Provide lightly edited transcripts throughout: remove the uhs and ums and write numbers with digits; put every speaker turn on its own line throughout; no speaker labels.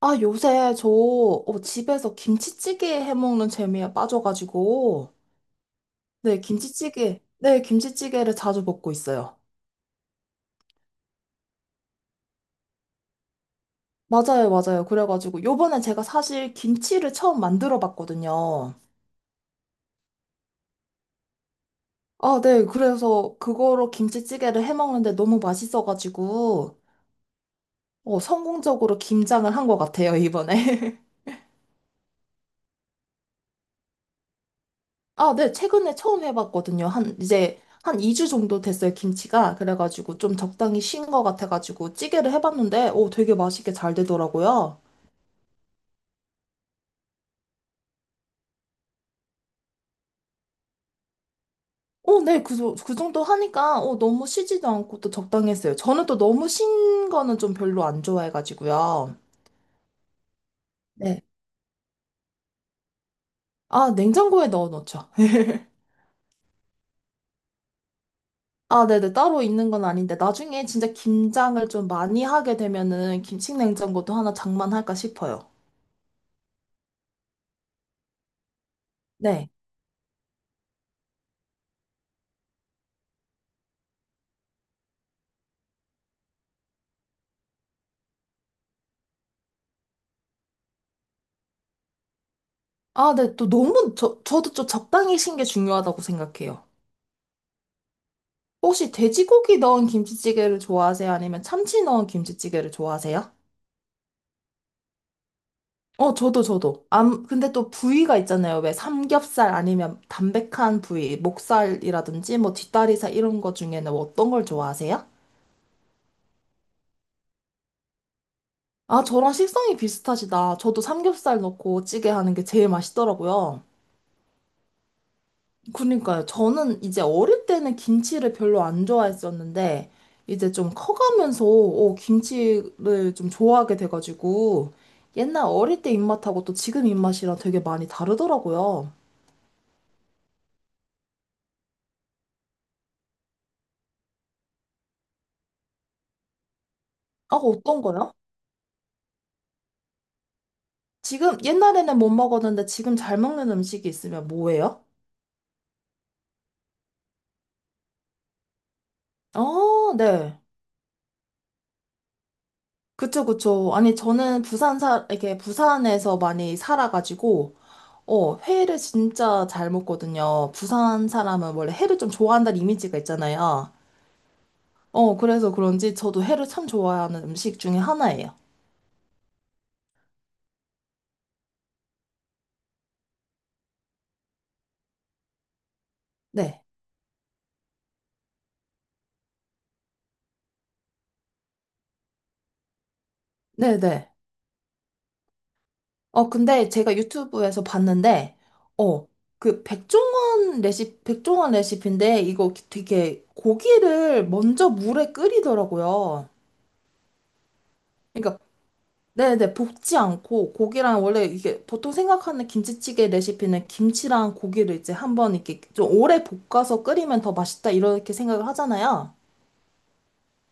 아, 요새 저 집에서 김치찌개 해먹는 재미에 빠져가지고, 네, 김치찌개, 네, 김치찌개를 자주 먹고 있어요. 맞아요, 맞아요. 그래가지고, 요번에 제가 사실 김치를 처음 만들어 봤거든요. 아, 네, 그래서 그거로 김치찌개를 해먹는데 너무 맛있어가지고, 성공적으로 김장을 한 것 같아요, 이번에. 아, 네, 최근에 처음 해봤거든요. 한, 이제, 한 2주 정도 됐어요, 김치가. 그래가지고 좀 적당히 쉰 것 같아가지고 찌개를 해봤는데, 오, 되게 맛있게 잘 되더라고요. 오, 네, 그, 그 정도 하니까, 오, 너무 쉬지도 않고 또 적당했어요. 저는 또 너무 쉰 거는 좀 별로 안 좋아해가지고요. 네. 아, 냉장고에 넣어 놓죠. 아, 네네. 따로 있는 건 아닌데, 나중에 진짜 김장을 좀 많이 하게 되면은 김치 냉장고도 하나 장만할까 싶어요. 네. 아, 네, 또 너무, 저, 저도 좀 적당히 신게 중요하다고 생각해요. 혹시 돼지고기 넣은 김치찌개를 좋아하세요? 아니면 참치 넣은 김치찌개를 좋아하세요? 어, 저도, 저도. 암, 근데 또 부위가 있잖아요. 왜 삼겹살 아니면 담백한 부위, 목살이라든지 뭐 뒷다리살 이런 거 중에는 어떤 걸 좋아하세요? 아, 저랑 식성이 비슷하시다. 저도 삼겹살 넣고 찌개 하는 게 제일 맛있더라고요. 그러니까요. 저는 이제 어릴 때는 김치를 별로 안 좋아했었는데, 이제 좀 커가면서, 김치를 좀 좋아하게 돼가지고, 옛날 어릴 때 입맛하고 또 지금 입맛이랑 되게 많이 다르더라고요. 아, 어떤 거요? 지금, 옛날에는 못 먹었는데 지금 잘 먹는 음식이 있으면 뭐예요? 어, 네. 그쵸, 그쵸. 아니, 저는 이렇게 부산에서 많이 살아가지고, 회를 진짜 잘 먹거든요. 부산 사람은 원래 회를 좀 좋아한다는 이미지가 있잖아요. 어, 그래서 그런지 저도 회를 참 좋아하는 음식 중에 하나예요. 네. 네네. 어, 근데 제가 유튜브에서 봤는데, 어, 백종원 레시피인데, 이거 되게 고기를 먼저 물에 끓이더라고요. 그러니까 네네, 볶지 않고 고기랑 원래 이게 보통 생각하는 김치찌개 레시피는 김치랑 고기를 이제 한번 이렇게 좀 오래 볶아서 끓이면 더 맛있다 이렇게 생각을 하잖아요.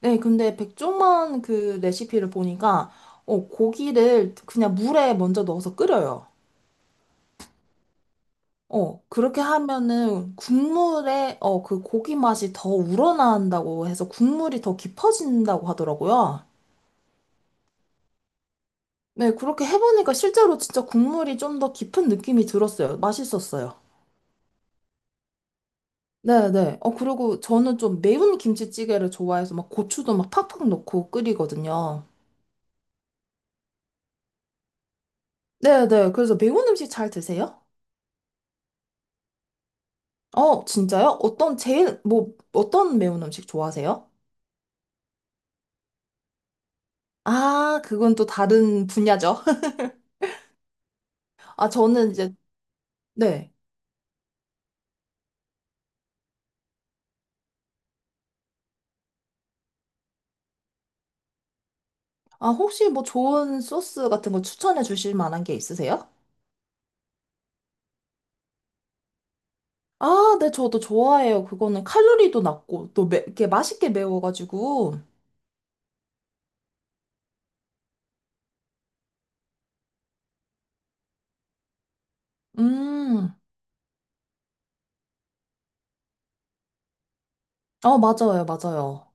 네, 근데 백종원 그 레시피를 보니까 고기를 그냥 물에 먼저 넣어서 끓여요. 그렇게 하면은 국물에 그 고기 맛이 더 우러나온다고 해서 국물이 더 깊어진다고 하더라고요. 네, 그렇게 해보니까 실제로 진짜 국물이 좀 더 깊은 느낌이 들었어요. 맛있었어요. 네네. 어, 그리고 저는 좀 매운 김치찌개를 좋아해서 막 고추도 막 팍팍 넣고 끓이거든요. 네네. 그래서 매운 음식 잘 드세요? 어, 진짜요? 어떤 매운 음식 좋아하세요? 아, 그건 또 다른 분야죠. 아, 저는 이제, 네. 아, 혹시 뭐 좋은 소스 같은 거 추천해 주실 만한 게 있으세요? 아, 네, 저도 좋아해요. 그거는 칼로리도 낮고, 이렇게 맛있게 매워가지고. 음, 어, 맞아요, 맞아요.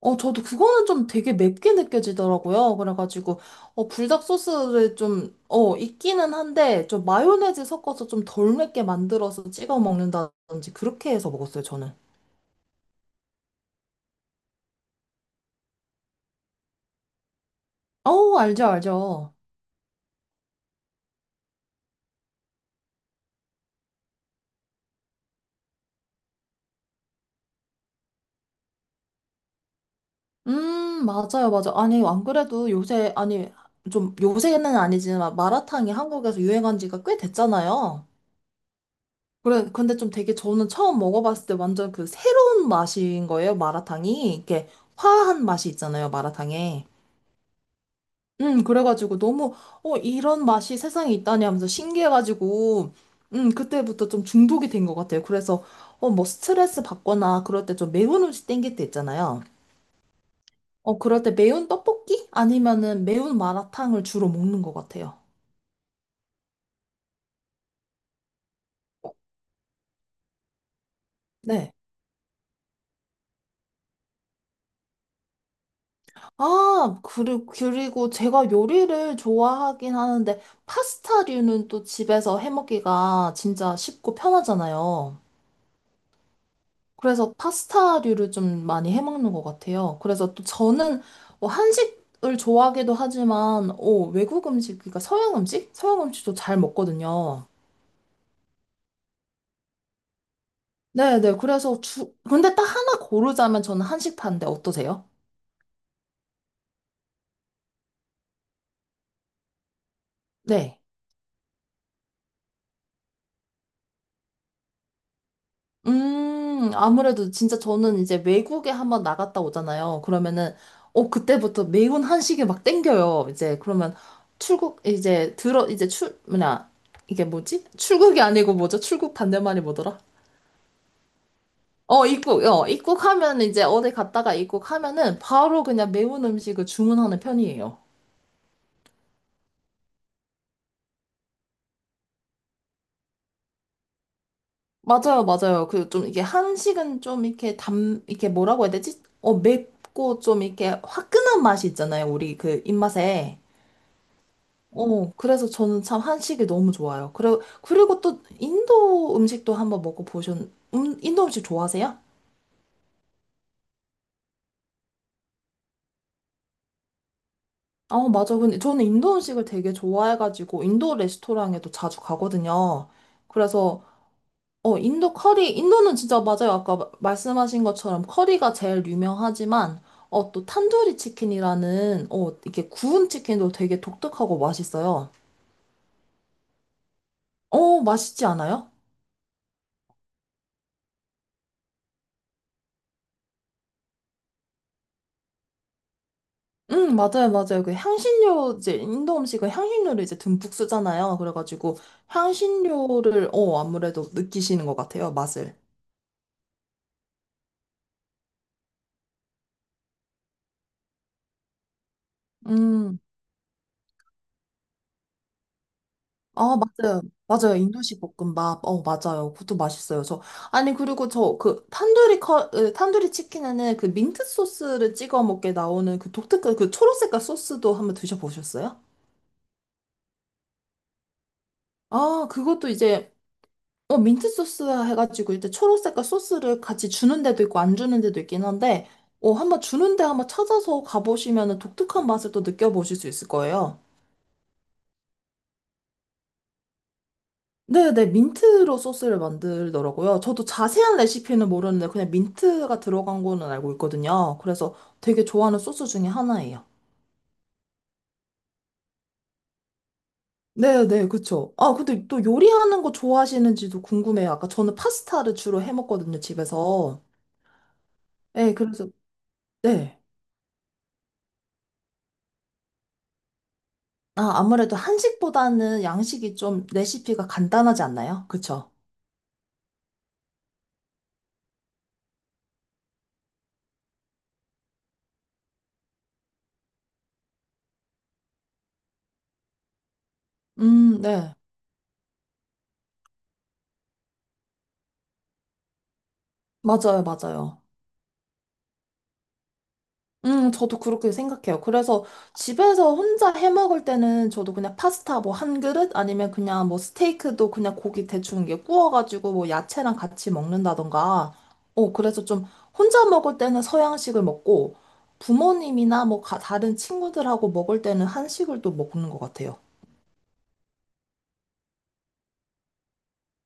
어, 저도 그거는 좀 되게 맵게 느껴지더라고요. 그래가지고, 어, 불닭 소스를 좀, 어, 있기는 한데, 좀 마요네즈 섞어서 좀 덜 맵게 만들어서 찍어 먹는다든지, 그렇게 해서 먹었어요, 저는. 어, 알죠, 알죠. 맞아요, 맞아. 아니, 안 그래도 요새, 아니, 좀, 요새는 아니지만, 마라탕이 한국에서 유행한 지가 꽤 됐잖아요. 그래, 근데 좀 되게 저는 처음 먹어봤을 때 완전 그 새로운 맛인 거예요, 마라탕이. 이렇게 화한 맛이 있잖아요, 마라탕에. 그래가지고 너무, 이런 맛이 세상에 있다니 하면서 신기해가지고, 그때부터 좀 중독이 된 것 같아요. 그래서, 뭐 스트레스 받거나 그럴 때 좀 매운 음식 땡길 때 있잖아요. 어, 그럴 때 매운 떡볶이? 아니면은 매운 마라탕을 주로 먹는 것 같아요. 네. 아, 그리고 제가 요리를 좋아하긴 하는데, 파스타류는 또 집에서 해 먹기가 진짜 쉽고 편하잖아요. 그래서 파스타류를 좀 많이 해 먹는 것 같아요. 그래서 또 저는 뭐 한식을 좋아하기도 하지만 어, 외국 음식, 그러니까 서양 음식? 서양 음식도 잘 먹거든요. 네네. 근데 딱 하나 고르자면 저는 한식파인데 어떠세요? 네. 아무래도 진짜 저는 이제 외국에 한번 나갔다 오잖아요. 그러면은 그때부터 매운 한식이 막 땡겨요. 이제 그러면 출국 이제 들어 이제 출 뭐냐 이게 뭐지? 출국이 아니고 뭐죠? 출국 반대말이 뭐더라? 어, 입국, 어, 입국하면 이제 어디 갔다가 입국하면은 바로 그냥 매운 음식을 주문하는 편이에요. 맞아요, 맞아요. 그 좀 이게 한식은 좀 이렇게 뭐라고 해야 되지? 어, 맵고 좀 이렇게 화끈한 맛이 있잖아요. 우리 그 입맛에. 어, 그래서 저는 참 한식이 너무 좋아요. 그리고 또 인도 음식 좋아하세요? 아, 맞아. 근데 저는 인도 음식을 되게 좋아해가지고 인도 레스토랑에도 자주 가거든요. 그래서 인도는 진짜 맞아요. 아까 말씀하신 것처럼 커리가 제일 유명하지만, 어, 또 탄두리 치킨이라는, 어, 이렇게 구운 치킨도 되게 독특하고 맛있어요. 어, 맛있지 않아요? 응, 맞아요, 맞아요. 그 향신료, 이제 인도 음식은 향신료를 이제 듬뿍 쓰잖아요. 그래가지고 향신료를, 아무래도 느끼시는 것 같아요, 맛을. 음. 아, 맞아요. 맞아요. 인도식 볶음밥. 어, 맞아요. 그것도 맛있어요. 저, 아니, 그리고 저, 그, 탄두리 커, 으, 탄두리 치킨에는 그 민트 소스를 찍어 먹게 나오는 그 독특한 그 초록색깔 소스도 한번 드셔보셨어요? 아, 그것도 이제, 민트 소스 해가지고 이제 초록색깔 소스를 같이 주는 데도 있고 안 주는 데도 있긴 한데, 한번 주는 데 한번 찾아서 가보시면은 독특한 맛을 또 느껴보실 수 있을 거예요. 네네, 민트로 소스를 만들더라고요. 저도 자세한 레시피는 모르는데 그냥 민트가 들어간 거는 알고 있거든요. 그래서 되게 좋아하는 소스 중에 하나예요. 네네, 그쵸. 아, 근데 또 요리하는 거 좋아하시는지도 궁금해요. 아까 저는 파스타를 주로 해 먹거든요, 집에서. 네, 그래서, 네. 아, 아무래도 한식보다는 양식이 좀 레시피가 간단하지 않나요? 그쵸? 네. 맞아요, 맞아요. 저도 그렇게 생각해요. 그래서 집에서 혼자 해 먹을 때는 저도 그냥 파스타 뭐 한 그릇 아니면 그냥 뭐 스테이크도 그냥 고기 대충 이게 구워가지고 뭐 야채랑 같이 먹는다던가. 어, 그래서 좀 혼자 먹을 때는 서양식을 먹고 부모님이나 뭐 다른 친구들하고 먹을 때는 한식을 또 먹는 것 같아요.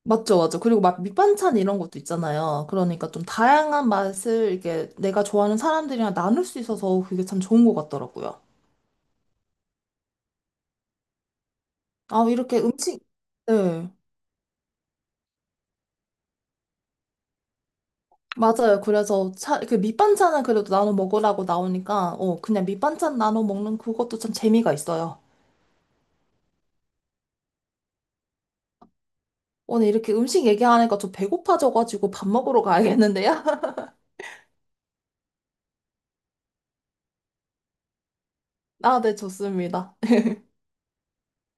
맞죠, 맞죠. 그리고 막 밑반찬 이런 것도 있잖아요. 그러니까 좀 다양한 맛을 이렇게 내가 좋아하는 사람들이랑 나눌 수 있어서 그게 참 좋은 것 같더라고요. 아, 이렇게 음식, 네. 맞아요. 그 밑반찬은 그래도 나눠 먹으라고 나오니까, 그냥 밑반찬 나눠 먹는 그것도 참 재미가 있어요. 오늘 이렇게 음식 얘기하니까 좀 배고파져가지고 밥 먹으러 가야겠는데요? 아, 네, 좋습니다.